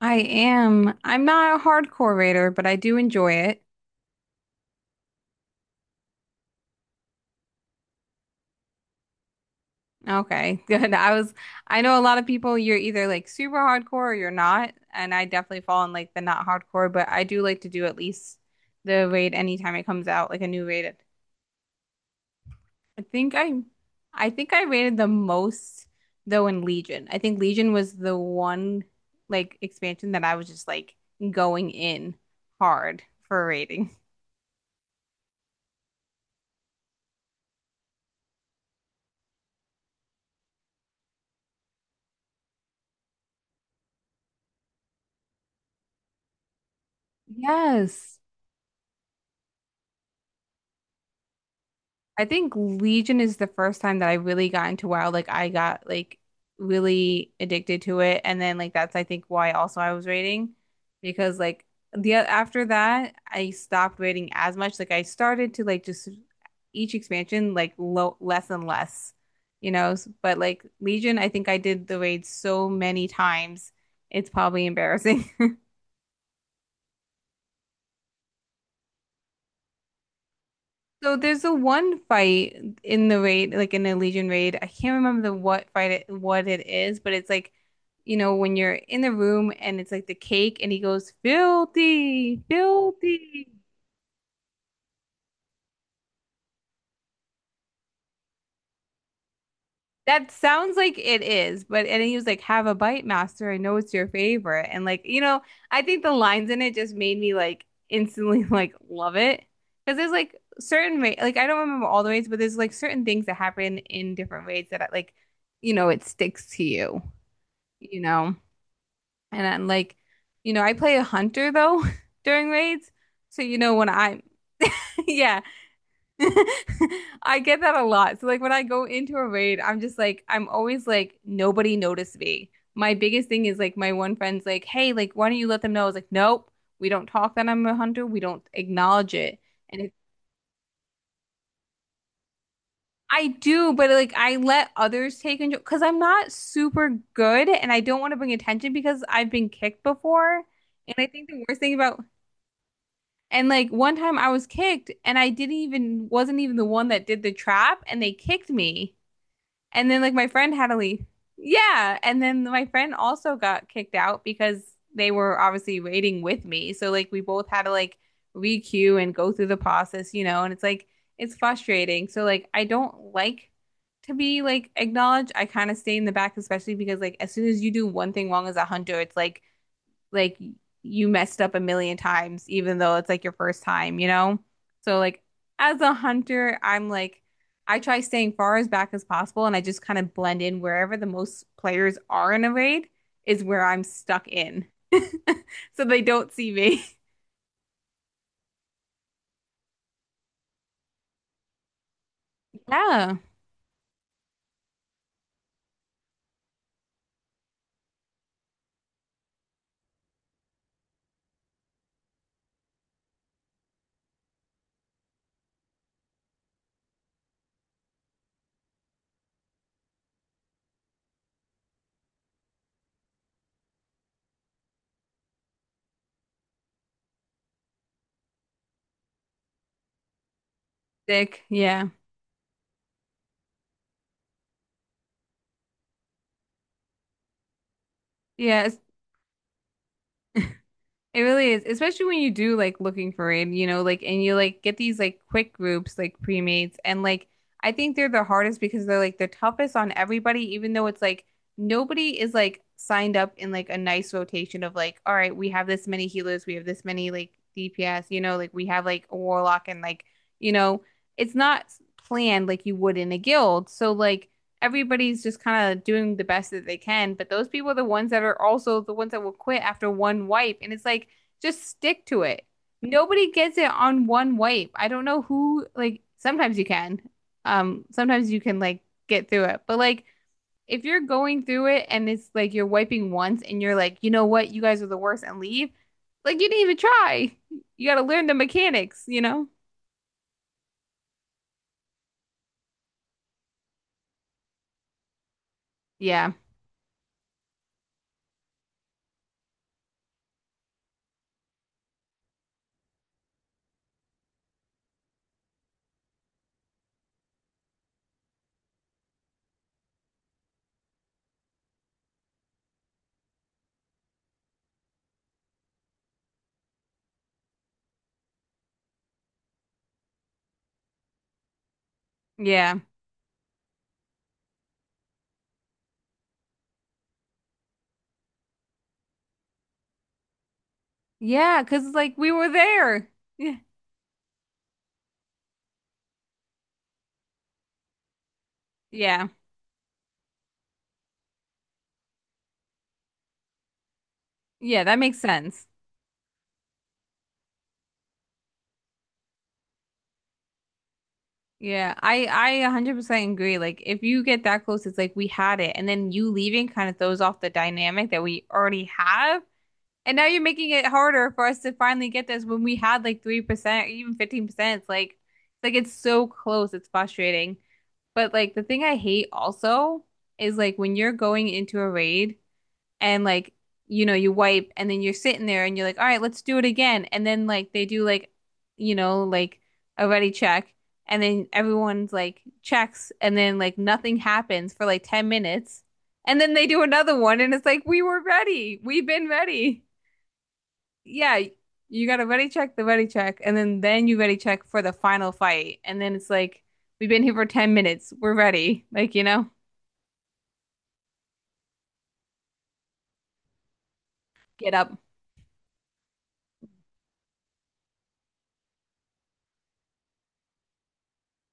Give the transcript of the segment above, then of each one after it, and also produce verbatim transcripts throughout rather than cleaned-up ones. I am. I'm not a hardcore raider, but I do enjoy it. Okay, good. I was, I know a lot of people, you're either like super hardcore or you're not. And I definitely fall in like the not hardcore, but I do like to do at least the raid anytime it comes out, like a new raid. I think I, I think I rated the most though in Legion. I think Legion was the one like expansion that I was just like going in hard for rating. Yes. I think Legion is the first time that I really got into WoW. Like I got like really addicted to it, and then like that's I think why also I was raiding because like the after that I stopped raiding as much. Like I started to like just each expansion like low less and less, you know. S- But like Legion, I think I did the raid so many times, it's probably embarrassing. So there's a one fight in the raid, like in the Legion raid. I can't remember the what fight it, what it is, but it's like, you know, when you're in the room and it's like the cake and he goes, filthy, filthy. That sounds like it is, but and he was like, have a bite, master. I know it's your favorite. And like, you know, I think the lines in it just made me like instantly like love it. Because there's like certain ra like I don't remember all the raids, but there's like certain things that happen in different raids that like, you know, it sticks to you. You know. And I'm like, you know, I play a hunter though during raids. So, you know, when I'm, yeah, I get that a lot. So, like, when I go into a raid, I'm just like, I'm always like, nobody noticed me. My biggest thing is like, my one friend's like, hey, like, why don't you let them know? I was like, nope, we don't talk that I'm a hunter. We don't acknowledge it. And it's, I do, but like, I let others take control because I'm not super good and I don't want to bring attention because I've been kicked before. And I think the worst thing about And like one time I was kicked and I didn't even wasn't even the one that did the trap and they kicked me. And then like my friend had to leave. Yeah, and then my friend also got kicked out because they were obviously waiting with me. So like we both had to like re-queue and go through the process, you know, and it's like it's frustrating. So like I don't like to be like acknowledged. I kind of stay in the back, especially because like as soon as you do one thing wrong as a hunter, it's like like you messed up a million times, even though it's like your first time, you know? So like as a hunter, I'm like I try staying far as back as possible and I just kind of blend in wherever the most players are in a raid is where I'm stuck in. So they don't see me. Yeah. Sick. Yeah. Yeah. It's It really is, especially when you do like looking for it, you know, like and you like get these like quick groups like pre-mates and like I think they're the hardest because they're like the toughest on everybody, even though it's like nobody is like signed up in like a nice rotation of like, all right, we have this many healers, we have this many like D P S, you know, like we have like a warlock and like, you know, it's not planned like you would in a guild. So like everybody's just kind of doing the best that they can. But those people are the ones that are also the ones that will quit after one wipe. And it's like, just stick to it. Nobody gets it on one wipe. I don't know who, like, sometimes you can. Um, sometimes you can, like, get through it. But, like, if you're going through it and it's like you're wiping once and you're like, you know what, you guys are the worst and leave, like, you didn't even try. You got to learn the mechanics, you know? Yeah. Yeah. Yeah. Cause, like, we were there. Yeah. Yeah. Yeah, that makes sense. Yeah, I I one hundred percent agree. Like if you get that close, it's like we had it, and then you leaving kind of throws off the dynamic that we already have. And now you're making it harder for us to finally get this when we had like three percent or even fifteen percent. It's like it's like it's so close. It's frustrating. But like the thing I hate also is like when you're going into a raid and like you know you wipe and then you're sitting there and you're like all right let's do it again and then like they do like you know like a ready check and then everyone's like checks and then like nothing happens for like ten minutes and then they do another one and it's like we were ready we've been ready yeah you got to ready check the ready check and then then you ready check for the final fight and then it's like we've been here for ten minutes we're ready like you know get up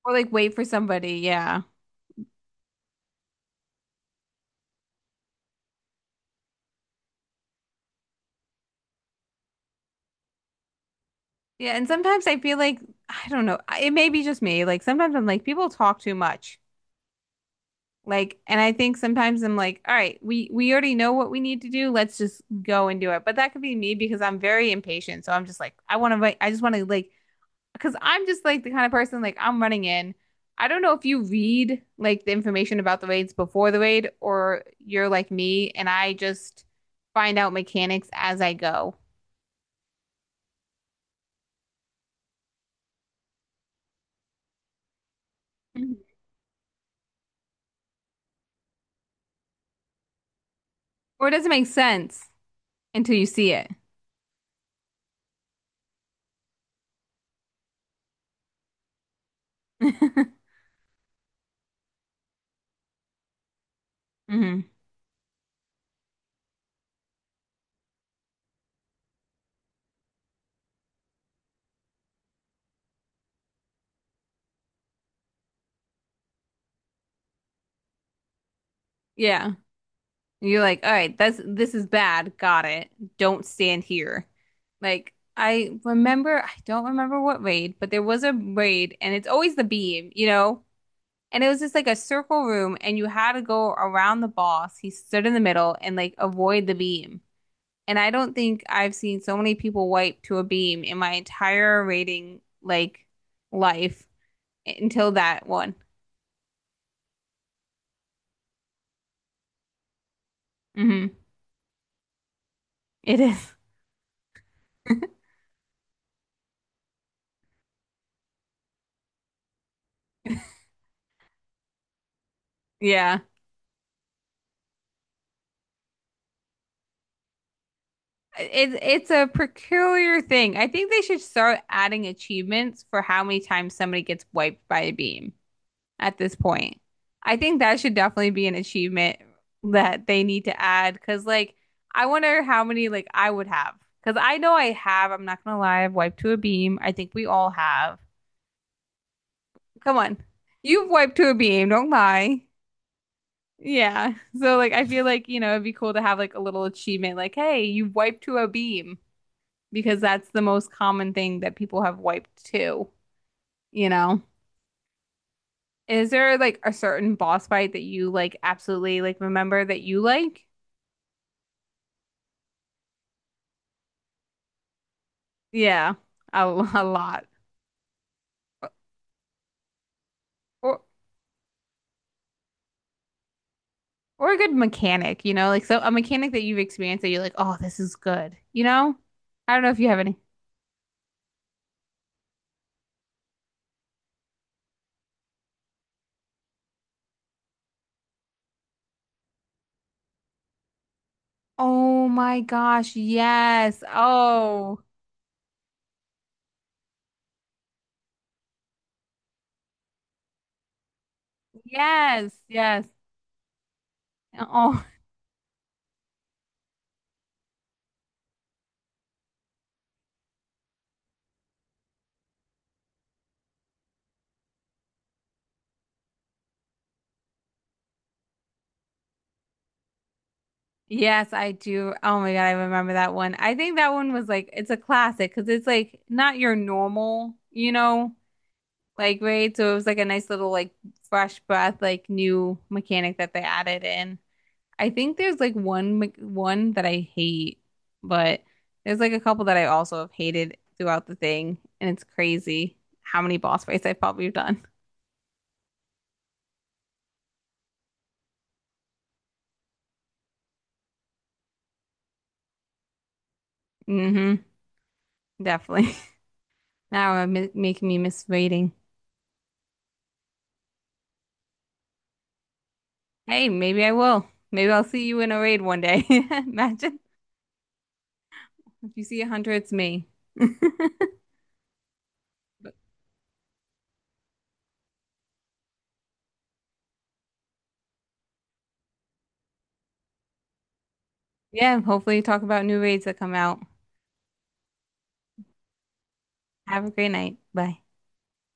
or like wait for somebody yeah. Yeah, and sometimes I feel like I don't know. I- It may be just me. Like sometimes I'm like people talk too much. Like, and I think sometimes I'm like, all right, we we already know what we need to do. Let's just go and do it. But that could be me because I'm very impatient. So I'm just like, I want to. I just want to like because I'm just like the kind of person like I'm running in. I don't know if you read like the information about the raids before the raid or you're like me and I just find out mechanics as I go. Mhm. Or it doesn't make sense until you see it. Hmm. Yeah. You're like, all right, that's this is bad. Got it. Don't stand here. Like I remember, I don't remember what raid, but there was a raid, and it's always the beam, you know? And it was just like a circle room, and you had to go around the boss. He stood in the middle and like avoid the beam. And I don't think I've seen so many people wipe to a beam in my entire raiding like life until that one. Hmm. It is. Yeah. It's it's a peculiar thing. I think they should start adding achievements for how many times somebody gets wiped by a beam at this point. I think that should definitely be an achievement that they need to add because like I wonder how many like I would have because I know I have. I'm not gonna lie. I've wiped to a beam. I think we all have. Come on, you've wiped to a beam. Don't lie. Yeah. So like I feel like you know it'd be cool to have like a little achievement like hey you wiped to a beam. Because that's the most common thing that people have wiped too, you know? Is there like a certain boss fight that you like absolutely like remember that you like? Yeah, a, a lot. Or or a good mechanic, you know? Like so a mechanic that you've experienced that you're like, "Oh, this is good." You know? I don't know if you have any. Oh my gosh, yes. Oh, yes, yes. Oh, yes, I do. Oh my God, I remember that one. I think that one was like it's a classic because it's like not your normal, you know, like right. So it was like a nice little like fresh breath, like new mechanic that they added in. I think there's like one me- one that I hate, but there's like a couple that I also have hated throughout the thing, and it's crazy how many boss fights I've probably done. Hmm. Definitely. Now it's making me miss rating. Hey, maybe I will. Maybe I'll see you in a raid one day. Imagine if you see a hunter, it's me. But yeah, hopefully talk about new raids that come out. Have a great night. Bye.